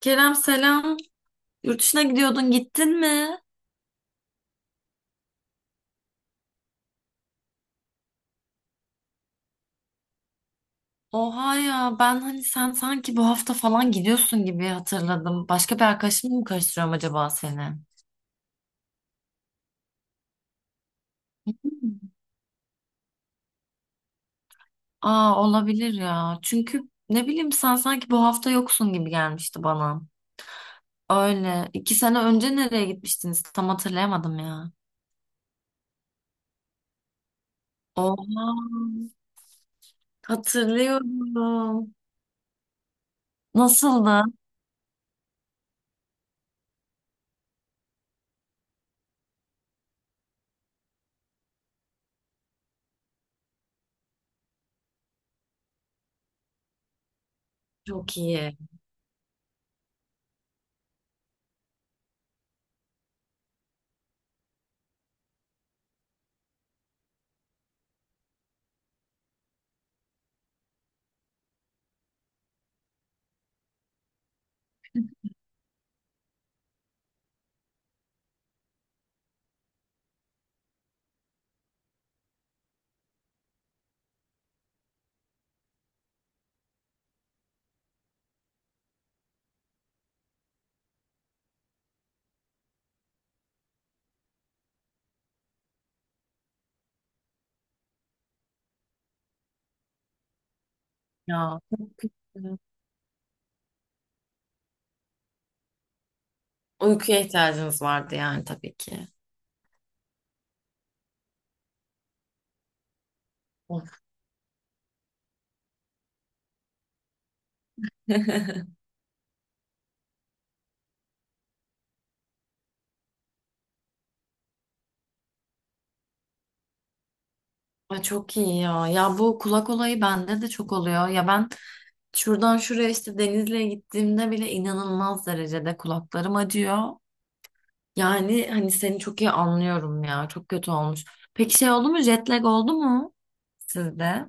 Kerem selam. Yurt dışına gidiyordun, gittin mi? Oha ya ben hani sen sanki bu hafta falan gidiyorsun gibi hatırladım. Başka bir arkadaşımla mı karıştırıyorum acaba seni? Aa olabilir ya. Çünkü ne bileyim sen sanki bu hafta yoksun gibi gelmişti bana. Öyle. İki sene önce nereye gitmiştiniz? Tam hatırlayamadım ya. Oha hatırlıyorum. Nasıldı? Çok iyi. Ya çok kötü. Uykuya ihtiyacınız vardı yani tabii ki. Of. Ay çok iyi ya. Ya bu kulak olayı bende de çok oluyor. Ya ben şuradan şuraya işte Denizli'ye gittiğimde bile inanılmaz derecede kulaklarım acıyor. Yani hani seni çok iyi anlıyorum ya. Çok kötü olmuş. Peki şey oldu mu? Jet lag oldu mu sizde?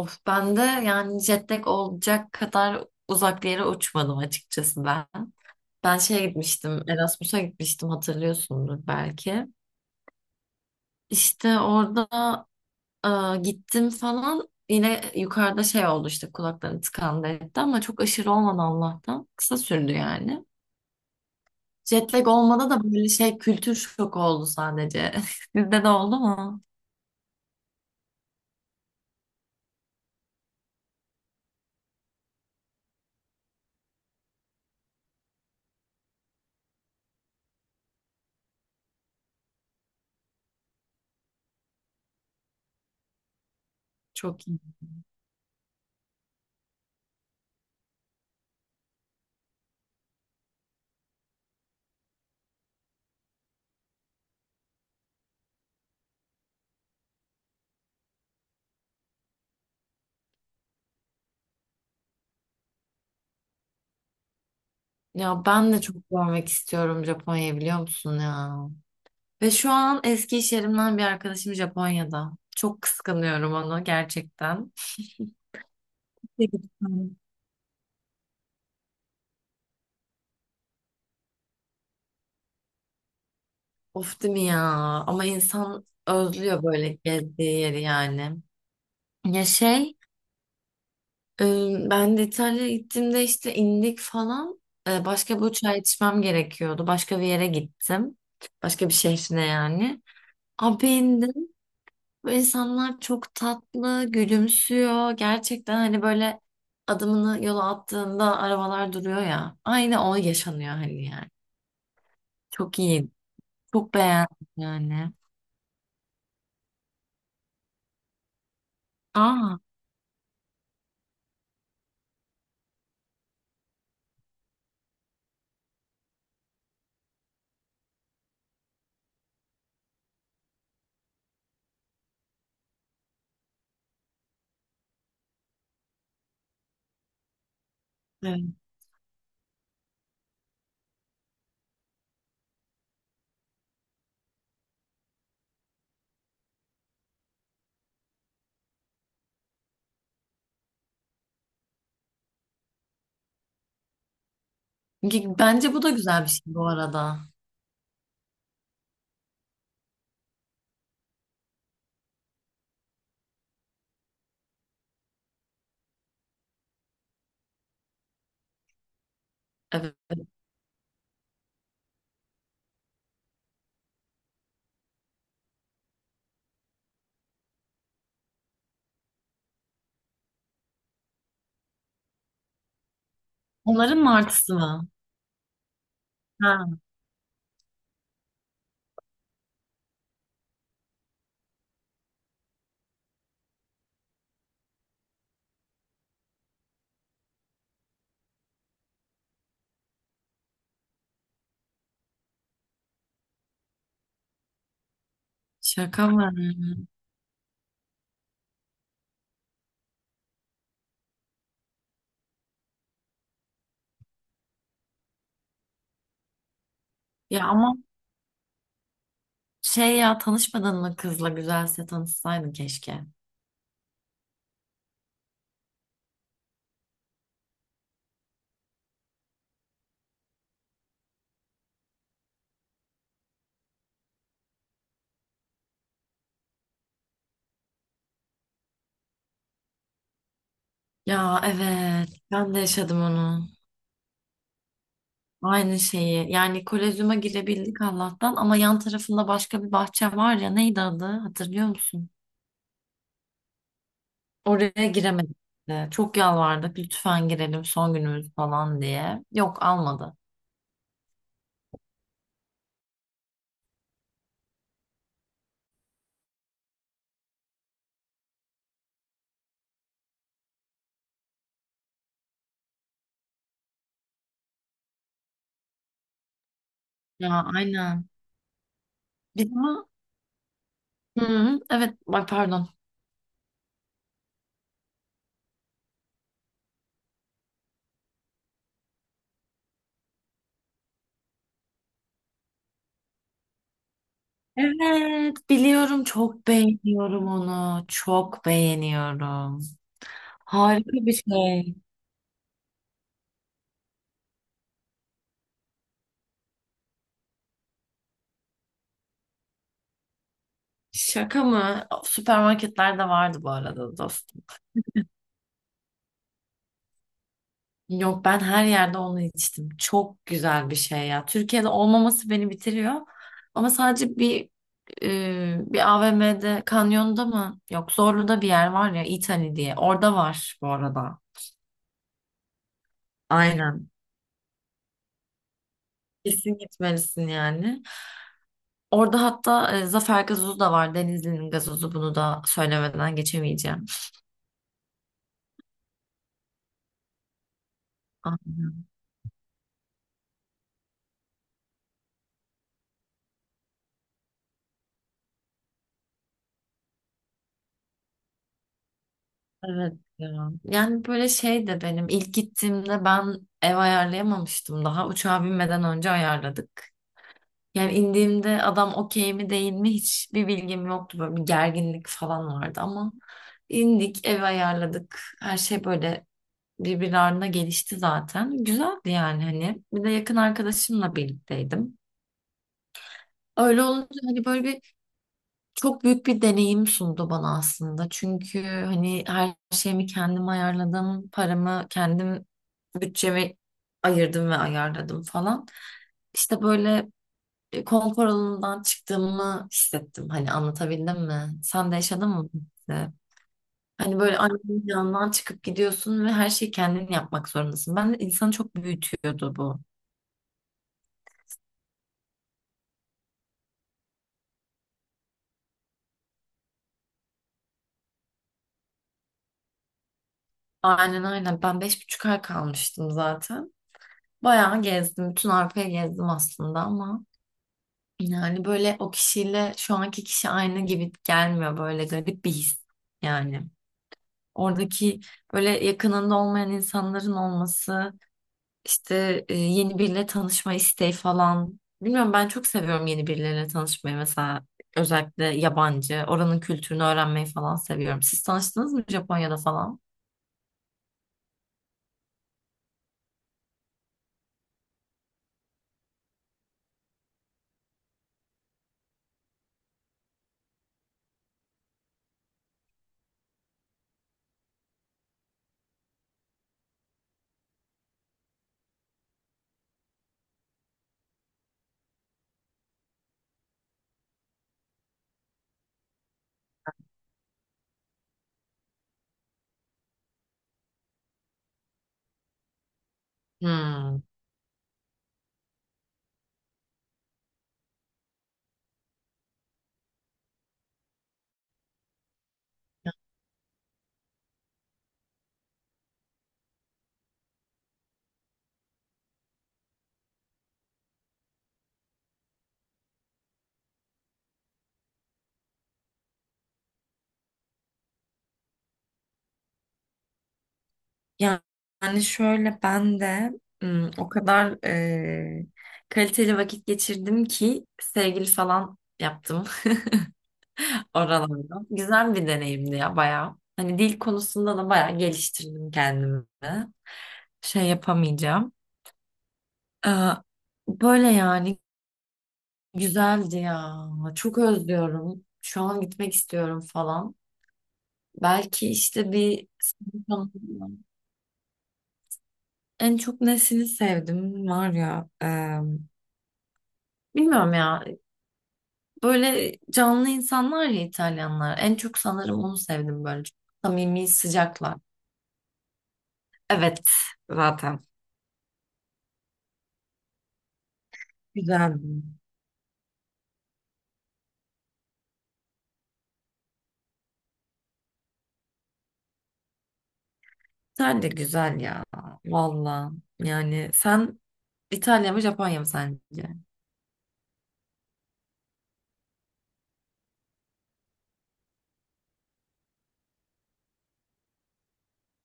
Of bende yani jet lag olacak kadar uzak bir yere uçmadım açıkçası ben. Ben şeye gitmiştim. Erasmus'a gitmiştim hatırlıyorsundur belki. İşte orada Aa, gittim falan yine yukarıda şey oldu işte kulaklarım tıkandı etti ama çok aşırı olmadı Allah'tan. Kısa sürdü yani. Jet lag olmadı da böyle şey kültür şoku oldu sadece. Sizde de oldu mu? Çok iyi. Ya ben de çok görmek istiyorum Japonya'yı biliyor musun ya? Ve şu an eski iş yerimden bir arkadaşım Japonya'da. Çok kıskanıyorum onu gerçekten. Ne güzel. Of değil mi ya? Ama insan özlüyor böyle gezdiği yeri yani. Ya şey Ee, ben de İtalya'ya gittiğimde işte indik falan. Başka bir uçağa yetişmem gerekiyordu. Başka bir yere gittim. Başka bir şehrine yani. Abi indim. Bu insanlar çok tatlı, gülümsüyor. Gerçekten hani böyle adımını yola attığında arabalar duruyor ya. Aynı o yaşanıyor hani yani. Çok iyi. Çok beğendim yani. Aa, evet. Bence bu da güzel bir şey bu arada. Evet. Onların martısı mı? Ha, şaka mı? Ya ama şey ya tanışmadın mı kızla güzelse tanışsaydın keşke. Ya evet ben de yaşadım onu. Aynı şeyi. Yani kolezyuma girebildik Allah'tan ama yan tarafında başka bir bahçe var ya neydi adı hatırlıyor musun? Oraya giremedik de. Çok yalvardık lütfen girelim son günümüz falan diye. Yok almadı. Ya aynen. Biz ama hı hı, evet bak pardon. Evet biliyorum çok beğeniyorum onu. Çok beğeniyorum. Harika bir şey. Şaka mı? Süpermarketlerde vardı bu arada dostum. Yok ben her yerde onu içtim. Çok güzel bir şey ya. Türkiye'de olmaması beni bitiriyor. Ama sadece bir AVM'de, kanyonda mı? Yok Zorlu'da bir yer var ya İtali diye. Orada var bu arada. Aynen. Kesin gitmelisin yani. Orada hatta Zafer gazozu da var. Denizli'nin gazozu bunu da söylemeden geçemeyeceğim. Evet ya. Yani böyle şey de benim ilk gittiğimde ben ev ayarlayamamıştım daha. Uçağa binmeden önce ayarladık. Yani indiğimde adam okey mi değil mi hiçbir bilgim yoktu. Böyle bir gerginlik falan vardı ama indik ev ayarladık. Her şey böyle birbirlerine gelişti zaten. Güzeldi yani hani. Bir de yakın arkadaşımla birlikteydim. Öyle olunca hani böyle bir çok büyük bir deneyim sundu bana aslında. Çünkü hani her şeyimi kendim ayarladım, paramı kendim bütçemi ayırdım ve ayarladım falan. İşte böyle konfor alanından çıktığımı hissettim. Hani anlatabildim mi? Sen de yaşadın mı? Bu hissi? Hani böyle annenin yanından çıkıp gidiyorsun ve her şeyi kendin yapmak zorundasın. Ben de insanı çok büyütüyordu bu. Aynen aynen. Ben 5,5 ay kalmıştım zaten. Bayağı gezdim. Bütün Avrupa'yı gezdim aslında ama yani böyle o kişiyle şu anki kişi aynı gibi gelmiyor böyle garip bir his yani. Oradaki böyle yakınında olmayan insanların olması, işte yeni biriyle tanışma isteği falan. Bilmiyorum ben çok seviyorum yeni birileriyle tanışmayı mesela özellikle yabancı, oranın kültürünü öğrenmeyi falan seviyorum. Siz tanıştınız mı Japonya'da falan? Hmm. Ya- Yani şöyle ben de o kadar kaliteli vakit geçirdim ki sevgili falan yaptım oralarda. Güzel bir deneyimdi ya bayağı. Hani dil konusunda da bayağı geliştirdim kendimi. Şey yapamayacağım. Ee, Böyle yani güzeldi ya. Çok özlüyorum. Şu an gitmek istiyorum falan. Belki işte bir en çok nesini sevdim var ya. Bilmiyorum ya. Böyle canlı insanlar ya İtalyanlar. En çok sanırım onu sevdim böyle. Çok samimi, sıcaklar. Evet zaten. Güzel. Sen de güzel ya. Valla. Yani sen İtalya mı Japonya mı sence?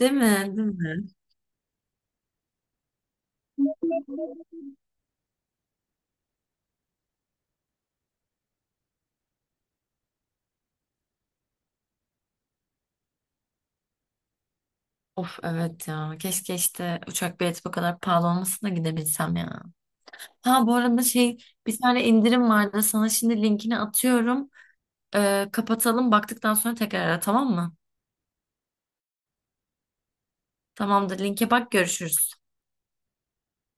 Değil mi? Değil mi? Of evet ya. Keşke işte uçak bileti bu kadar pahalı olmasına gidebilsem ya. Ha bu arada şey bir tane indirim vardı. Sana şimdi linkini atıyorum. Kapatalım. Baktıktan sonra tekrar ara tamam mı? Tamamdır. Linke bak görüşürüz.